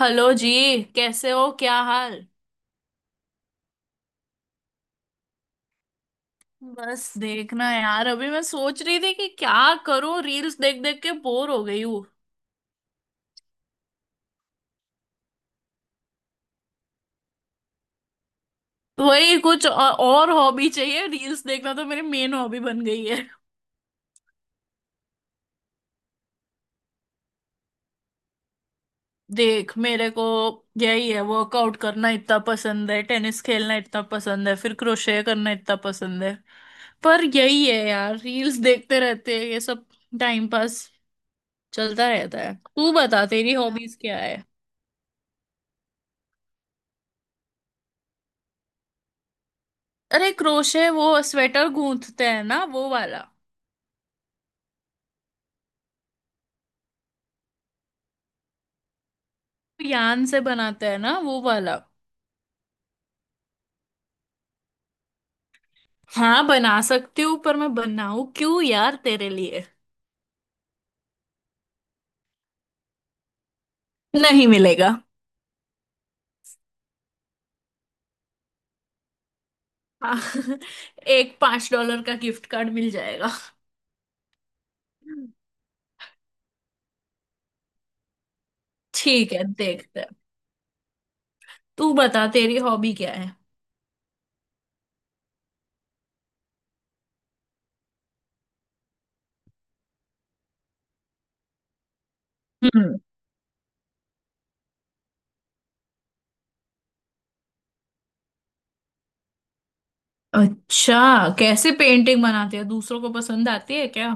Hello जी। कैसे हो क्या हाल। बस देखना यार, अभी मैं सोच रही थी कि क्या करूं, रील्स देख देख के बोर हो गई हूँ। तो वही कुछ और हॉबी चाहिए, रील्स देखना तो मेरी मेन हॉबी बन गई है। देख मेरे को यही है, वर्कआउट करना इतना पसंद है, टेनिस खेलना इतना पसंद है, फिर क्रोशे करना इतना पसंद है। पर यही है यार, रील्स देखते रहते हैं ये सब, टाइम पास चलता रहता है। तू बता तेरी हॉबीज क्या। अरे क्रोशे, वो स्वेटर गूंथते हैं ना वो वाला, यान से बनाते हैं ना वो वाला। हाँ बना सकती हूँ, पर मैं बनाऊँ क्यों यार तेरे लिए। नहीं मिलेगा। हाँ, एक 5 डॉलर का गिफ्ट कार्ड मिल जाएगा। ठीक है देखते हैं। तू बता तेरी हॉबी क्या है। हम्म। अच्छा। कैसे पेंटिंग बनाती है, दूसरों को पसंद आती है क्या।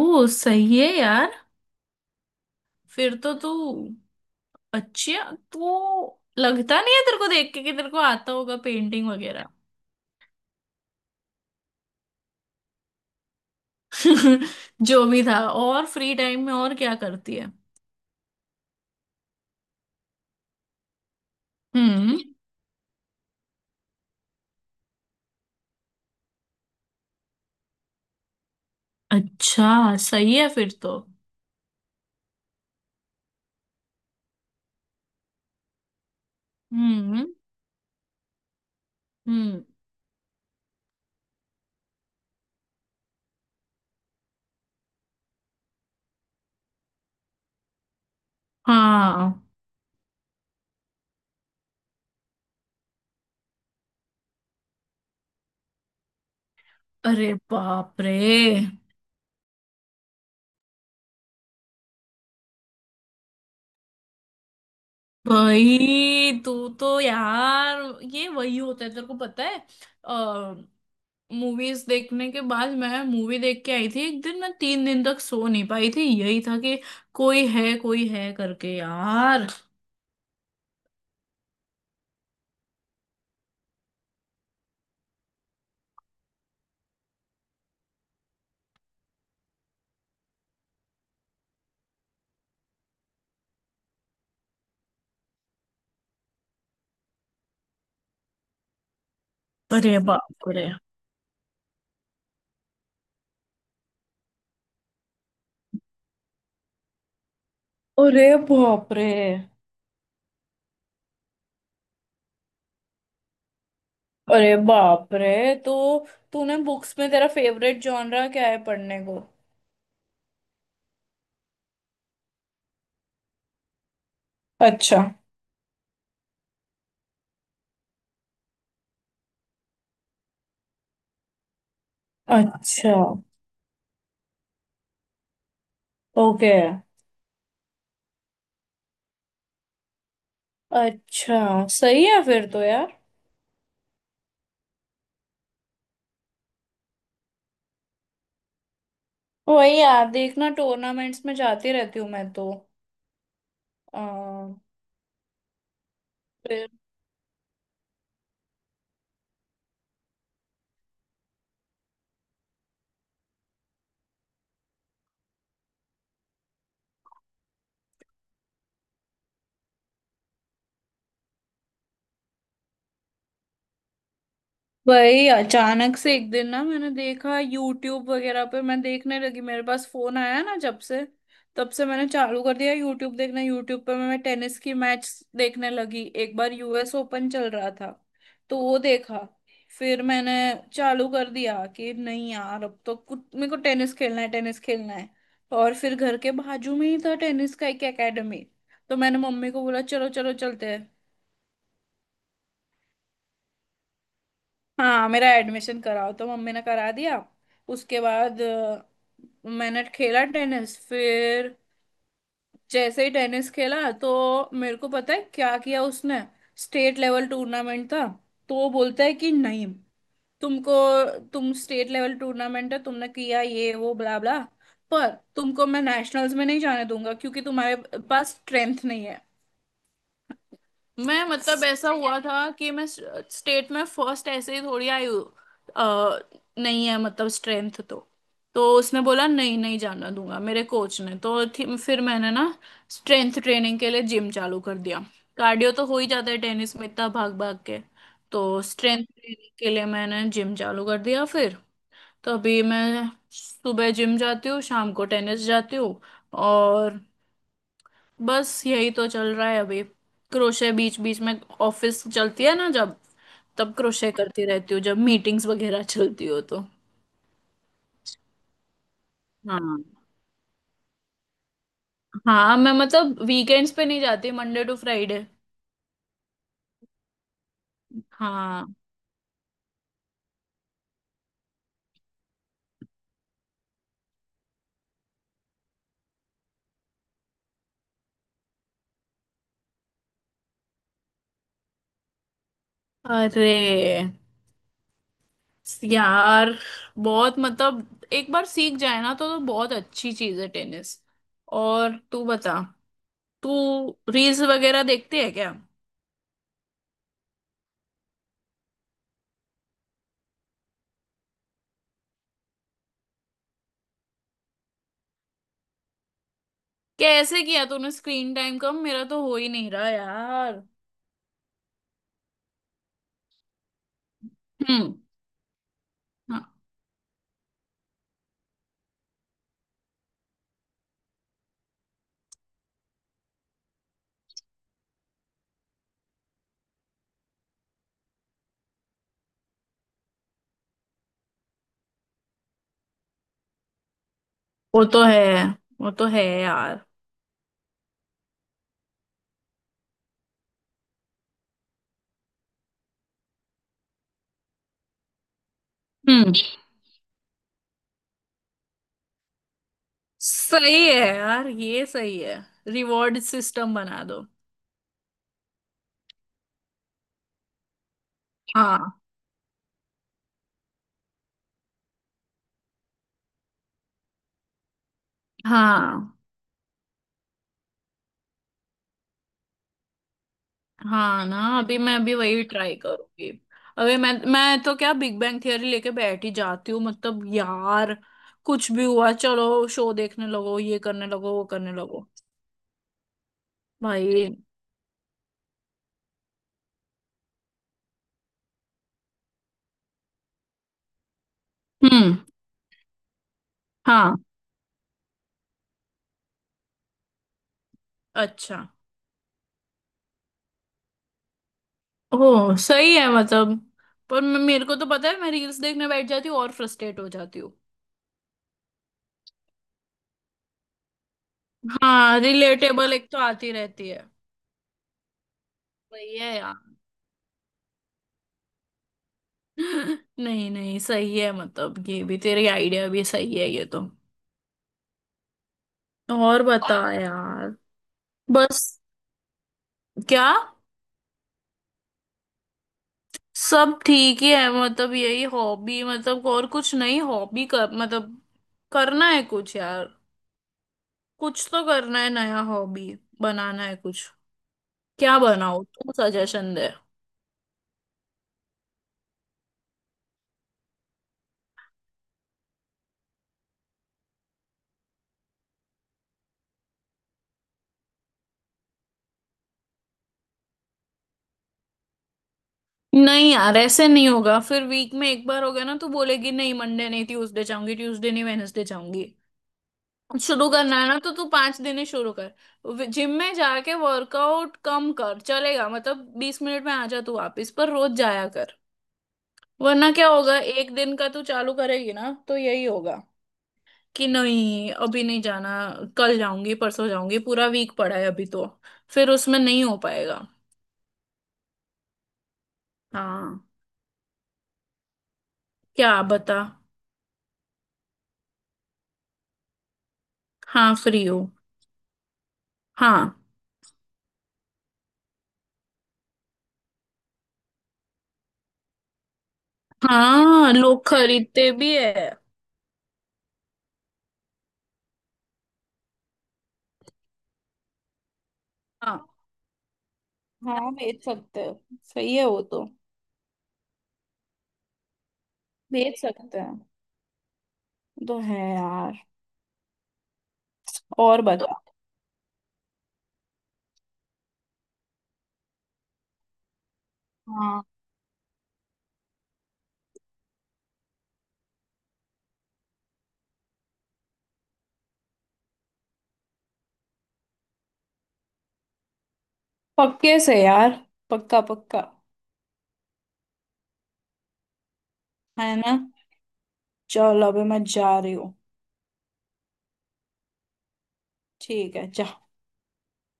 ओ सही है यार। फिर तो तू, अच्छा तो लगता नहीं है तेरे को देख के कि तेरे को आता होगा पेंटिंग वगैरह। जो भी था, और फ्री टाइम में और क्या करती है। हम्म। अच्छा सही है फिर तो। हम्म। हम्म। हाँ। अरे बाप रे। भाई तू, तो यार ये वही होता है तेरे को पता है। मूवीज देखने के बाद, मैं मूवी देख के आई थी एक दिन, मैं 3 दिन तक सो नहीं पाई थी, यही था कि कोई है करके यार। अरे बाप रे। अरे बाप रे। अरे बाप रे। तो तूने बुक्स में तेरा फेवरेट जॉनरा क्या है पढ़ने को। अच्छा। अच्छा। ओके। अच्छा सही है फिर तो यार। वही यार देखना, टूर्नामेंट्स में जाती रहती हूँ मैं तो। आ, वही अचानक से एक दिन ना मैंने देखा, यूट्यूब वगैरह पे मैं देखने लगी, मेरे पास फोन आया ना जब से, तब से मैंने चालू कर दिया यूट्यूब देखना। यूट्यूब पे मैं टेनिस की मैच देखने लगी। एक बार यूएस ओपन चल रहा था, तो वो देखा। फिर मैंने चालू कर दिया कि नहीं यार, अब तो कुछ मेरे को टेनिस खेलना है, टेनिस खेलना है। और फिर घर के बाजू में ही था टेनिस का एक एकेडमी। तो मैंने मम्मी को बोला, चलो चलो चलते हैं। हाँ मेरा एडमिशन कराओ, तो मम्मी ने करा दिया। उसके बाद मैंने खेला टेनिस। फिर जैसे ही टेनिस खेला, तो मेरे को पता है क्या किया उसने। स्टेट लेवल टूर्नामेंट था, तो वो बोलता है कि नहीं, तुमको, तुम स्टेट लेवल टूर्नामेंट है तुमने किया ये वो ब्ला ब्ला, पर तुमको मैं नेशनल्स में नहीं जाने दूंगा, क्योंकि तुम्हारे पास स्ट्रेंथ नहीं है। मैं मतलब ऐसा हुआ था कि मैं स्टेट में फर्स्ट ऐसे ही थोड़ी आई हूँ। अ, नहीं है मतलब स्ट्रेंथ, तो उसने बोला नहीं नहीं जाना दूंगा मेरे कोच ने, फिर मैंने ना स्ट्रेंथ ट्रेनिंग के लिए जिम चालू कर दिया। कार्डियो तो हो ही जाता है टेनिस में, इतना भाग भाग के। तो स्ट्रेंथ ट्रेनिंग के लिए मैंने जिम चालू कर दिया फिर। तो अभी मैं सुबह जिम जाती हूँ, शाम को टेनिस जाती हूँ, और बस यही तो चल रहा है अभी। क्रोशे बीच बीच में, ऑफिस चलती है ना जब, तब क्रोशे करती रहती हूँ, जब मीटिंग्स वगैरह चलती हो तो। हाँ। हाँ मैं मतलब वीकेंड्स पे नहीं जाती, मंडे टू फ्राइडे। हाँ। अरे यार बहुत, मतलब एक बार सीख जाए ना तो बहुत अच्छी चीज है टेनिस। और तू बता, तू रील्स वगैरह देखती है क्या। कैसे किया तूने स्क्रीन टाइम कम, मेरा तो हो ही नहीं रहा यार। हम्म। वो तो है। वो तो है यार। हम्म। सही है यार, ये सही है, रिवॉर्ड सिस्टम बना दो। हाँ। हाँ। हाँ ना, अभी मैं अभी वही ट्राई करूंगी। अभी मैं तो क्या बिग बैंग थियरी लेके बैठ ही जाती हूँ, मतलब यार, कुछ भी हुआ चलो शो देखने लगो, ये करने लगो, वो करने लगो। भाई। हम्म। हाँ। अच्छा। ओह सही है मतलब। पर मेरे को तो पता है मैं रील्स देखने बैठ जाती हूँ और फ्रस्ट्रेट हो जाती हूँ। हाँ रिलेटेबल एक तो आती रहती है। सही है यार। नहीं नहीं सही है, मतलब ये भी, तेरी आइडिया भी सही है ये तो। और बता यार। बस, क्या। सब ठीक ही है, मतलब यही हॉबी, मतलब और कुछ नहीं, हॉबी कर मतलब, करना है कुछ यार। कुछ तो करना है नया, हॉबी बनाना है कुछ। क्या बनाओ, तू सजेशन दे। नहीं यार ऐसे नहीं होगा, फिर वीक में एक बार हो गया ना तो बोलेगी नहीं मंडे नहीं, ट्यूसडे जाऊंगी, ट्यूसडे नहीं वेनेसडे जाऊंगी। शुरू करना है ना तो तू 5 दिन ही शुरू कर, जिम में जाके वर्कआउट कम कर चलेगा, मतलब 20 मिनट में आ जा तू वापिस, पर रोज जाया कर। वरना क्या होगा, एक दिन का तू चालू करेगी ना तो यही होगा कि नहीं अभी नहीं जाना, कल जाऊंगी, परसों जाऊंगी, पूरा वीक पड़ा है अभी तो, फिर उसमें नहीं हो पाएगा। हाँ। क्या बता। हाँ फ्री हो। हाँ। हाँ लोग खरीदते भी है। हाँ। हाँ बेच सकते हैं, सही है वो तो। बेच सकते हैं तो है यार। और तो बता। हाँ पक्के से यार, पक्का पक्का। है ना। चलो अभी मैं जा रही हूँ। ठीक है जा।